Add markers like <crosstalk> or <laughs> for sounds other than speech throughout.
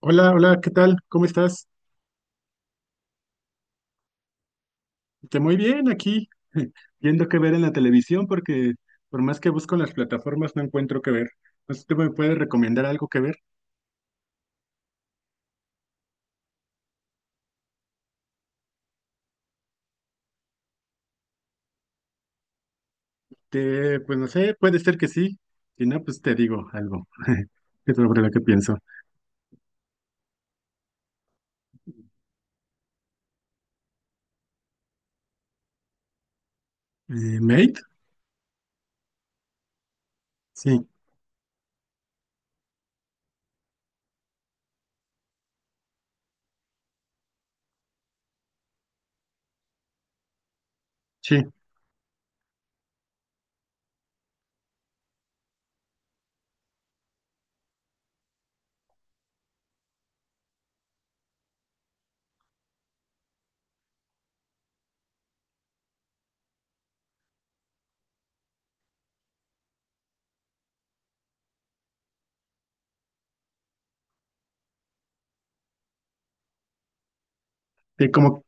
Hola, hola, ¿qué tal? ¿Cómo estás? Te muy bien aquí, <laughs> viendo qué ver en la televisión, porque por más que busco en las plataformas no encuentro qué ver. No sé si tú me puedes recomendar algo que ver. Te, pues no sé, puede ser que sí. Si no, pues te digo algo <laughs> sobre lo que pienso. ¿Mate? Sí, sí. Como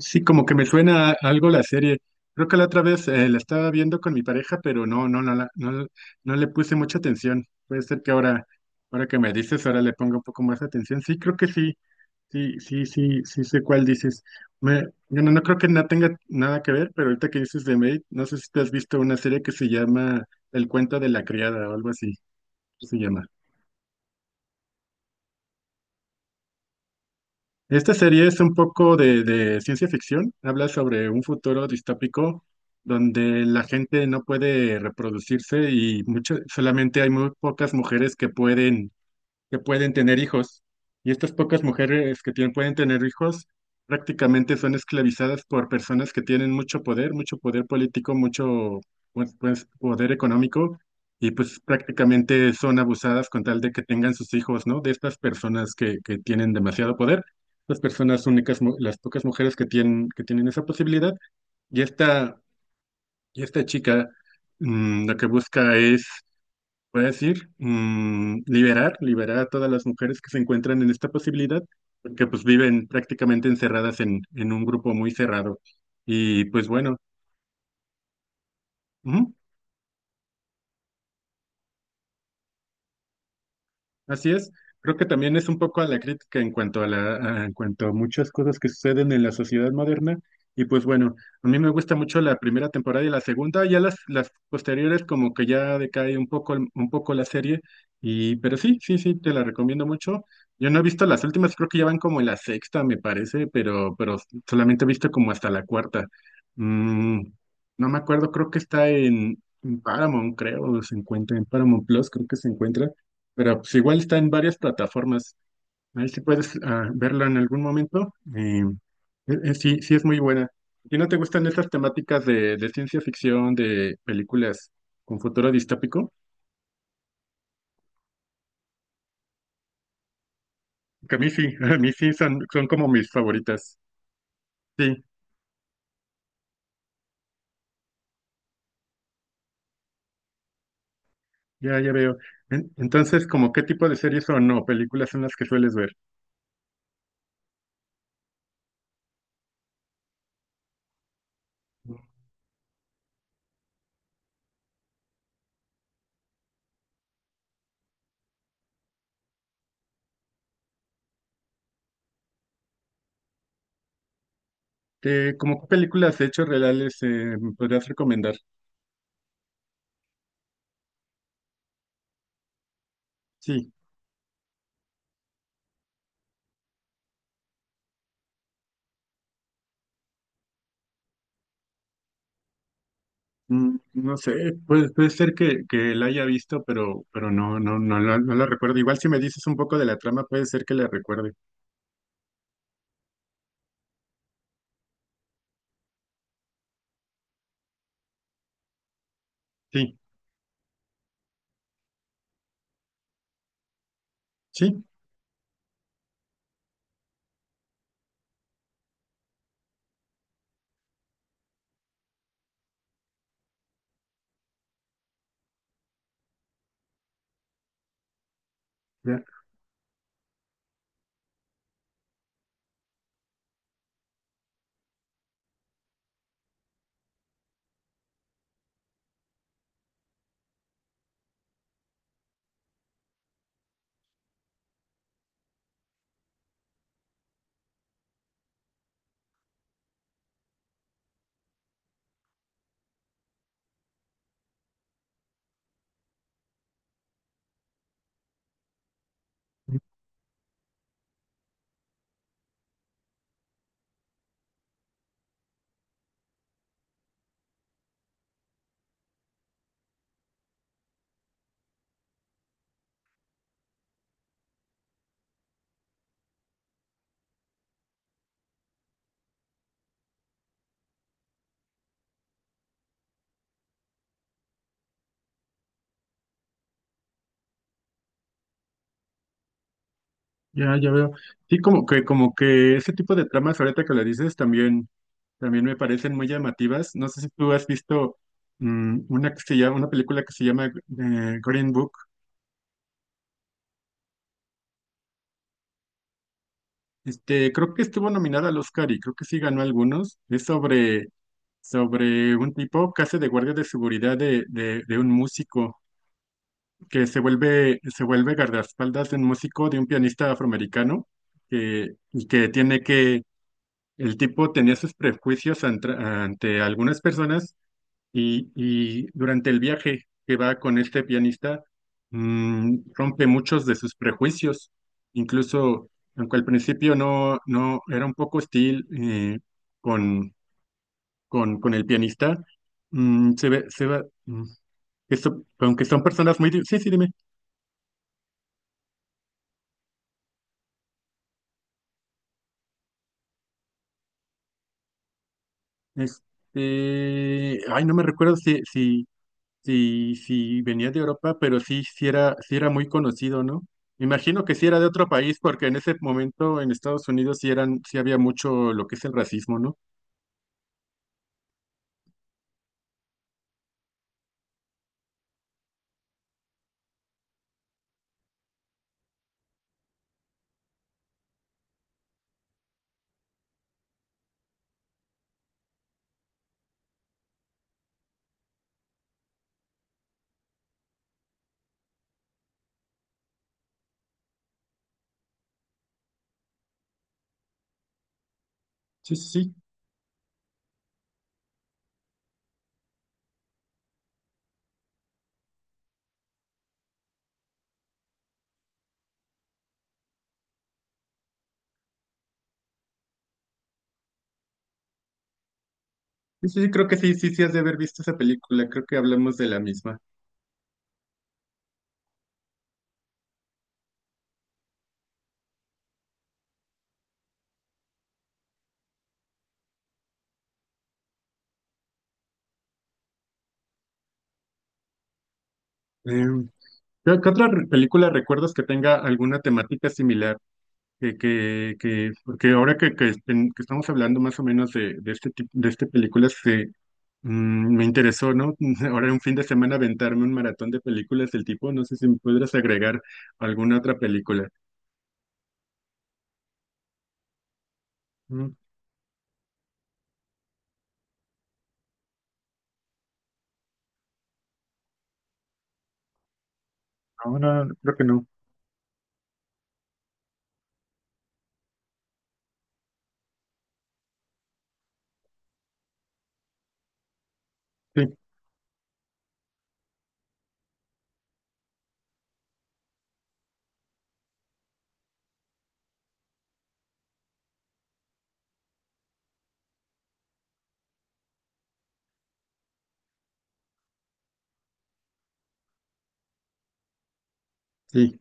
sí, como que me suena algo la serie. Creo que la otra vez la estaba viendo con mi pareja, pero no le puse mucha atención. Puede ser que ahora, ahora que me dices, ahora le ponga un poco más atención. Sí, creo que sí, sí, sí, sí, sí sé cuál dices. Me, bueno, no creo que no tenga nada que ver, pero ahorita que dices de Maid, no sé si te has visto una serie que se llama El cuento de la criada o algo así, ¿qué se llama? Esta serie es un poco de ciencia ficción, habla sobre un futuro distópico donde la gente no puede reproducirse y solamente hay muy pocas mujeres que pueden tener hijos. Y estas pocas mujeres que tienen, pueden tener hijos prácticamente son esclavizadas por personas que tienen mucho poder político, mucho poder económico, y pues prácticamente son abusadas con tal de que tengan sus hijos, ¿no? De estas personas que tienen demasiado poder. Las personas únicas, las pocas mujeres que tienen esa posibilidad. Y esta, y esta chica lo que busca es voy a decir, liberar, liberar a todas las mujeres que se encuentran en esta posibilidad, porque pues viven prácticamente encerradas en un grupo muy cerrado. Y pues bueno, ujú. Así es. Creo que también es un poco a la crítica en cuanto a en cuanto a muchas cosas que suceden en la sociedad moderna. Y pues bueno, a mí me gusta mucho la primera temporada y la segunda, ya las posteriores como que ya decae un poco, un poco la serie. Y, pero sí, sí, sí, te la recomiendo mucho. Yo no he visto las últimas, creo que ya van como en la sexta, me parece, pero solamente he visto como hasta la cuarta. Mm, no me acuerdo, creo que está en Paramount, creo, se encuentra en Paramount Plus, creo que se encuentra. Pero pues igual está en varias plataformas. Ahí sí puedes verla en algún momento. Sí, sí es muy buena. ¿Y no te gustan estas temáticas de ciencia ficción, de películas con futuro distópico? Que a mí sí, <laughs> a mí sí son, son como mis favoritas. Sí, ya, ya veo. Entonces, ¿como qué tipo de series o no películas son las que sueles ver? ¿Qué, como qué películas de hechos reales me podrías recomendar? Sí. No sé, puede, puede ser que la haya visto, pero no la recuerdo. Igual si me dices un poco de la trama, puede ser que la recuerde. Sí, sí, ya, ya, ya veo. Sí, como que ese tipo de tramas ahorita que la dices también, también me parecen muy llamativas. No sé si tú has visto una que se llama, una película que se llama Green Book. Este, creo que estuvo nominada al Oscar y creo que sí ganó algunos. Es sobre, sobre un tipo que hace de guardia de seguridad de un músico, que se vuelve guardaespaldas de un músico, de un pianista afroamericano, que, y que tiene que, el tipo tenía sus prejuicios ante algunas personas y durante el viaje que va con este pianista, rompe muchos de sus prejuicios, incluso aunque al principio no, no era un poco hostil con, con el pianista, se ve, se va, que aunque son personas muy... sí, sí, dime. Este, ay, no me recuerdo si venía de Europa, pero sí, sí era muy conocido, ¿no? Imagino que sí era de otro país, porque en ese momento en Estados Unidos sí eran, sí había mucho lo que es el racismo, ¿no? Sí, sí, sí. Sí, sí, sí, creo que sí, sí, sí has de haber visto esa película, creo que hablamos de la misma. Em, ¿Qué, qué otra película recuerdas que tenga alguna temática similar? Porque ahora que estamos hablando más o menos de este tipo, de este películas, se, me interesó, ¿no? <laughs> Ahora un fin de semana aventarme un maratón de películas del tipo, no sé si me podrás agregar alguna otra película. Mm, No, no, no, creo que no. Sí, sí.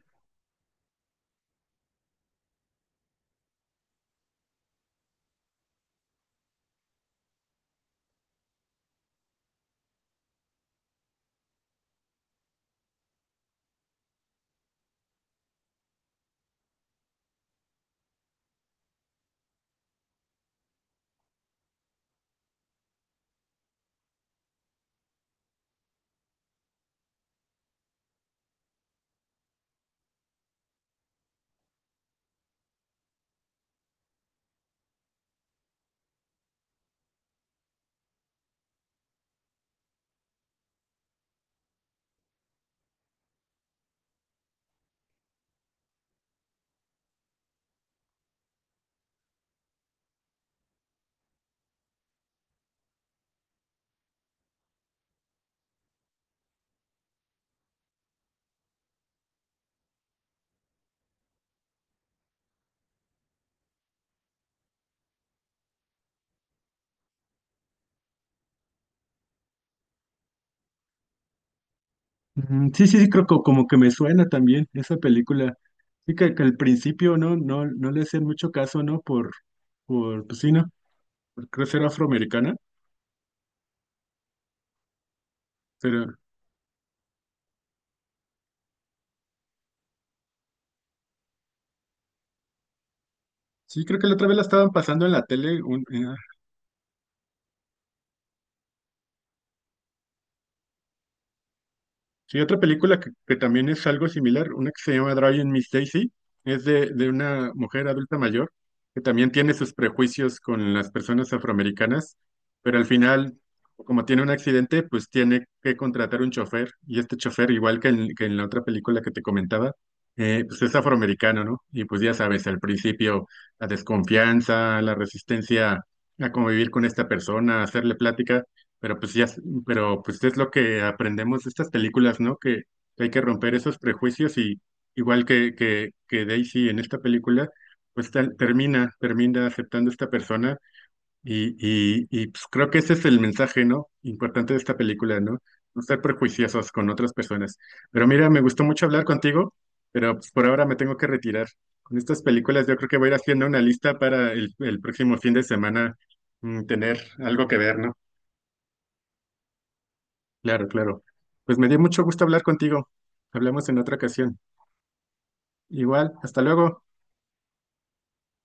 Sí, sí, sí, creo que como que me suena también esa película. Sí, que al principio no, no, no le hacían mucho caso, ¿no? Por, pues sí, ¿no? Por creo ser afroamericana, pero sí, creo que la otra vez la estaban pasando en la tele. Sí, otra película que también es algo similar, una que se llama Driving Miss Daisy, es de una mujer adulta mayor que también tiene sus prejuicios con las personas afroamericanas, pero al final, como tiene un accidente, pues tiene que contratar un chofer y este chofer, igual que que en la otra película que te comentaba, pues es afroamericano, ¿no? Y pues ya sabes, al principio la desconfianza, la resistencia a convivir con esta persona, hacerle plática. Pero pues ya, pero pues es lo que aprendemos de estas películas, ¿no? Que hay que romper esos prejuicios y igual que Daisy en esta película, pues termina, termina aceptando a esta persona y pues creo que ese es el mensaje, ¿no? Importante de esta película, ¿no? No estar prejuiciosos con otras personas. Pero mira, me gustó mucho hablar contigo, pero pues por ahora me tengo que retirar. Con estas películas yo creo que voy a ir haciendo una lista para el próximo fin de semana, tener algo que ver, ¿no? Claro, claro. Pues me dio mucho gusto hablar contigo. Hablamos en otra ocasión. Igual, hasta luego.